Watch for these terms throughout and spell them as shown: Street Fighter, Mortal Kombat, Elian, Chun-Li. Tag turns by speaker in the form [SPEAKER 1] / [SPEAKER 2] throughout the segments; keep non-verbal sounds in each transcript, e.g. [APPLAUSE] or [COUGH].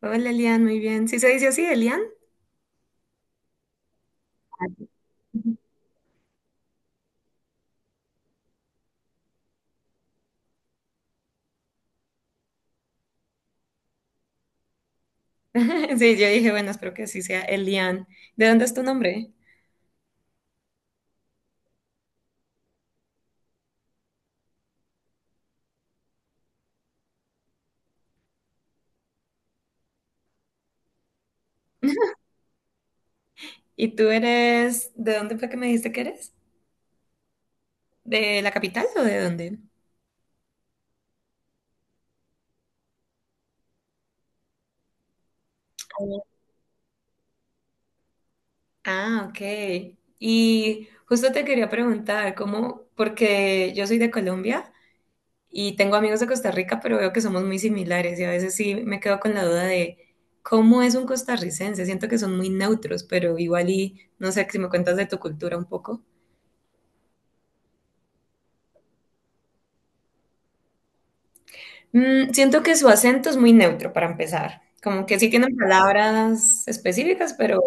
[SPEAKER 1] Hola Elian, muy bien. ¿Sí se dice así, Elian? [LAUGHS] Sí, yo dije, bueno, espero que así sea Elian. ¿De dónde es tu nombre? ¿Y tú eres, de dónde fue que me dijiste que eres? ¿De la capital o de dónde? Ah, ok. Y justo te quería preguntar, ¿cómo? Porque yo soy de Colombia y tengo amigos de Costa Rica, pero veo que somos muy similares y a veces sí me quedo con la duda de cómo es un costarricense. Siento que son muy neutros, pero igual y no sé si me cuentas de tu cultura un poco. Mm, siento que su acento es muy neutro para empezar. Como que sí tienen palabras específicas, pero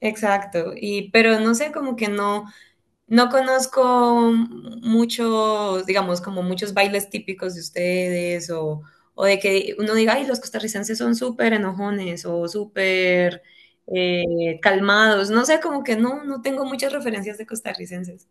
[SPEAKER 1] exacto. Y pero no sé, como que no, no conozco muchos, digamos, como muchos bailes típicos de ustedes o de que uno diga, ay, los costarricenses son súper enojones o súper calmados. No sé, como que no, no tengo muchas referencias de costarricenses.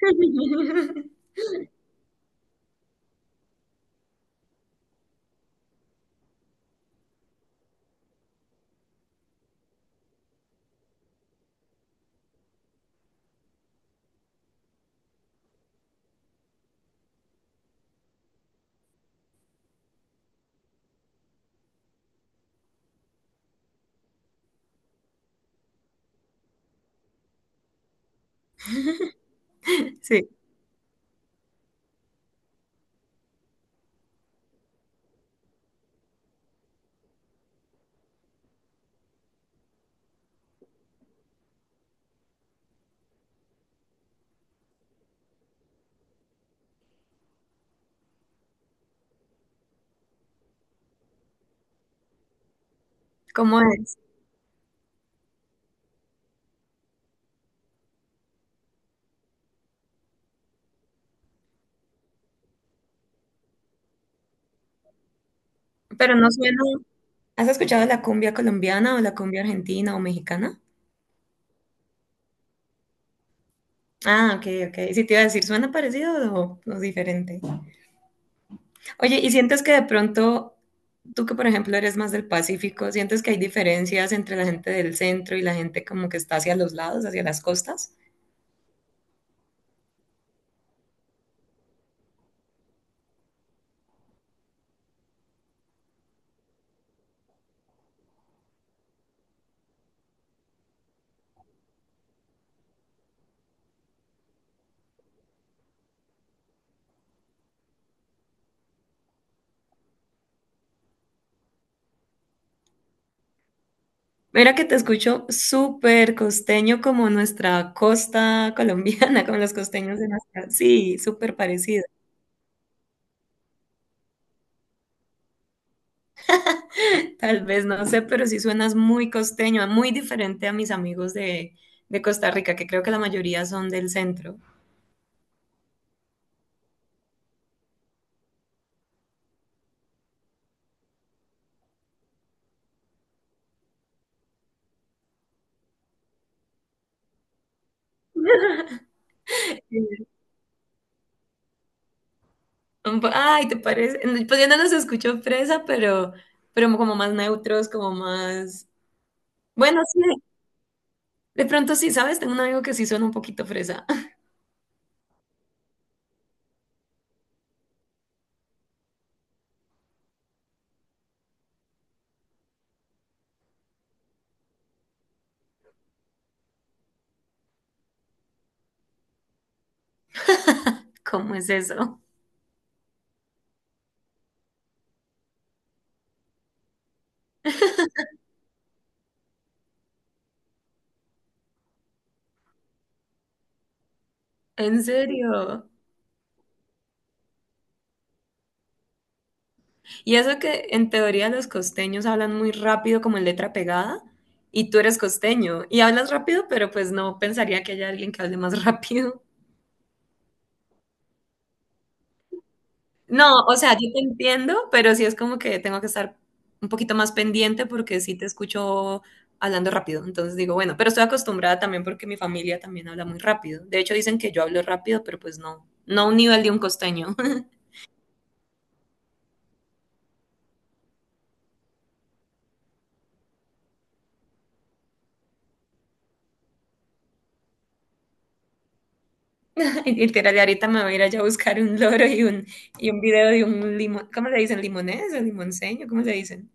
[SPEAKER 1] [LAUGHS] Sí, ¿cómo es? Pero no suena. ¿Has escuchado la cumbia colombiana o la cumbia argentina o mexicana? Ah, ok, ok. Sí, te iba a decir, ¿suena parecido o diferente? Oye, ¿y sientes que de pronto, tú que por ejemplo eres más del Pacífico, sientes que hay diferencias entre la gente del centro y la gente como que está hacia los lados, hacia las costas? Mira que te escucho súper costeño como nuestra costa colombiana, [LAUGHS] como los costeños de nuestra... Sí, súper parecido. [LAUGHS] Tal vez no sé, pero sí suenas muy costeño, muy diferente a mis amigos de Costa Rica, que creo que la mayoría son del centro. [LAUGHS] Un po- Ay, ¿te parece? Pues yo no los escucho fresa, pero como más neutros, como más... Bueno, sí, de pronto sí, ¿sabes? Tengo un amigo que sí suena un poquito fresa. [LAUGHS] ¿Cómo es eso? ¿En serio? Y eso que en teoría los costeños hablan muy rápido como en letra pegada, y tú eres costeño y hablas rápido, pero pues no pensaría que haya alguien que hable más [LAUGHS] rápido. No, o sea, yo te entiendo, pero sí es como que tengo que estar un poquito más pendiente porque sí te escucho hablando rápido. Entonces digo, bueno, pero estoy acostumbrada también porque mi familia también habla muy rápido. De hecho, dicen que yo hablo rápido, pero pues no, no a un nivel de un costeño. [LAUGHS] [LAUGHS] Literal, y ahorita me voy a ir allá a buscar un loro y un video de un limón. ¿Cómo le dicen? ¿Limonés o limonseño? ¿Cómo le dicen?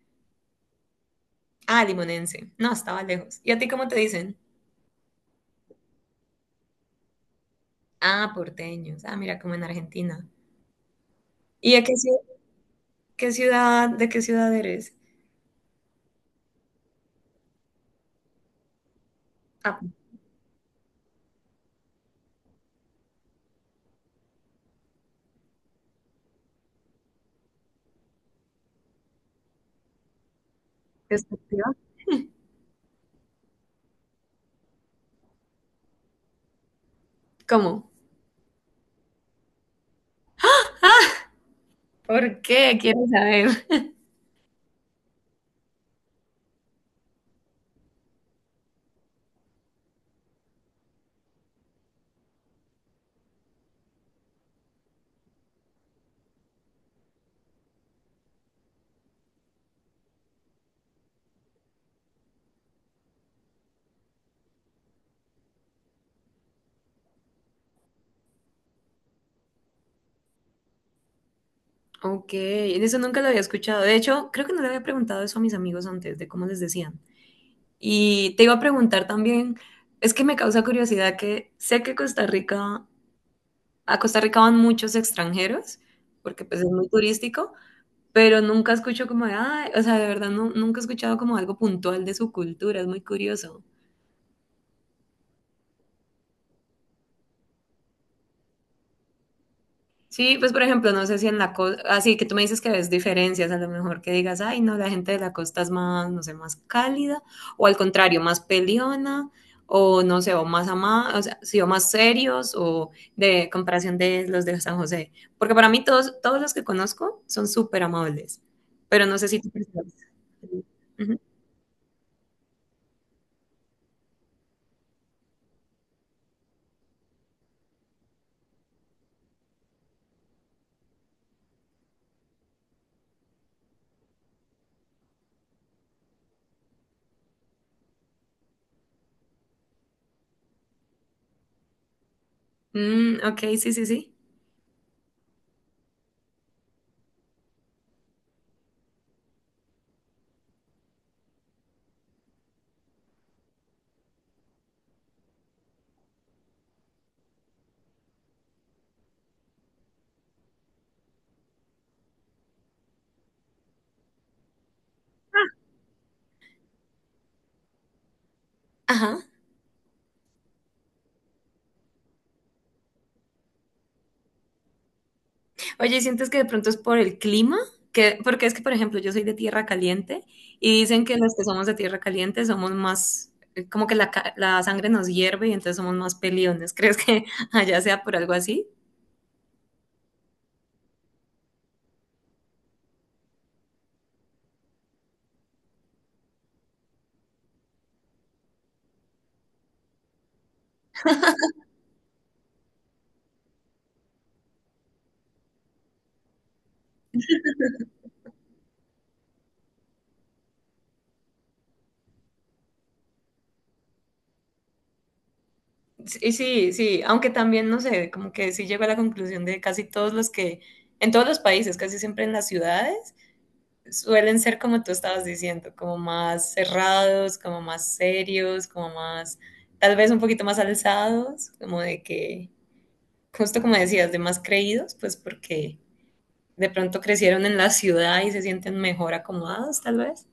[SPEAKER 1] Ah, limonense. No, estaba lejos. ¿Y a ti cómo te dicen? Ah, porteños. Ah, mira, como en Argentina. ¿Y a qué, ciu- qué ciudad, de qué ciudad eres? Ah, ¿de esta ciudad? ¿Cómo? ¿Por qué? Quiero saber. [LAUGHS] Ok, eso nunca lo había escuchado. De hecho, creo que no le había preguntado eso a mis amigos antes, de cómo les decían. Y te iba a preguntar también, es que me causa curiosidad que sé que Costa Rica, a Costa Rica van muchos extranjeros, porque pues es muy turístico, pero nunca escucho como de, "Ay", o sea, de verdad no, nunca he escuchado como algo puntual de su cultura, es muy curioso. Sí, pues por ejemplo, no sé si en la costa, así que tú me dices que ves diferencias, a lo mejor que digas, ay, no, la gente de la costa es más, no sé, más cálida, o al contrario, más peleona, o no sé, o más ama, o sea, sí, o más serios, o de comparación de los de San José. Porque para mí todos, todos los que conozco son súper amables, pero no sé si tú percibes. Ujú. Mm, ok, sí, sí, sí. Ajá. Oye, ¿sientes que de pronto es por el clima? Que, porque es que, por ejemplo, yo soy de tierra caliente y dicen que los que somos de tierra caliente somos más, como que la, ca- la sangre nos hierve y entonces somos más peliones. ¿Crees que [LAUGHS] allá sea por algo así? Sí, sí, sí, aunque también, no sé, como que sí llego a la conclusión de casi todos los que, en todos los países, casi siempre en las ciudades, suelen ser como tú estabas diciendo, como más cerrados, como más serios, como más, tal vez un poquito más alzados, como de que... justo como decías, de más creídos, pues porque de pronto crecieron en la ciudad y se sienten mejor acomodados, tal vez.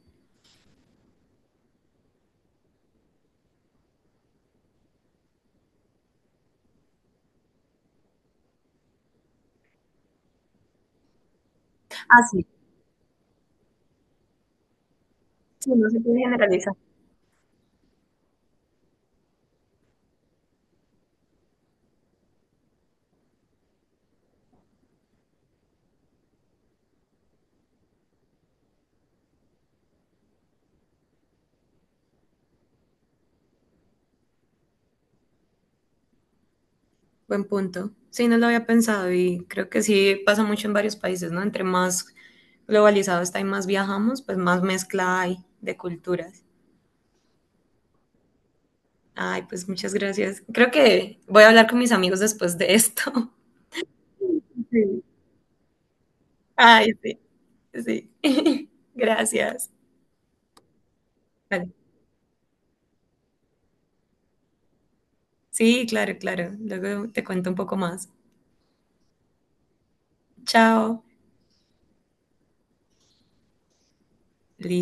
[SPEAKER 1] Ah, sí, sí, no se puede generalizar. Buen punto. Sí, no lo había pensado y creo que sí pasa mucho en varios países, ¿no? Entre más globalizado está y más viajamos, pues más mezcla hay de culturas. Ay, pues muchas gracias. Creo que voy a hablar con mis amigos después de esto. Sí. Ay, sí, sí. [LAUGHS] Gracias. Vale. Sí, claro, claro. Luego te cuento un poco más. Chao.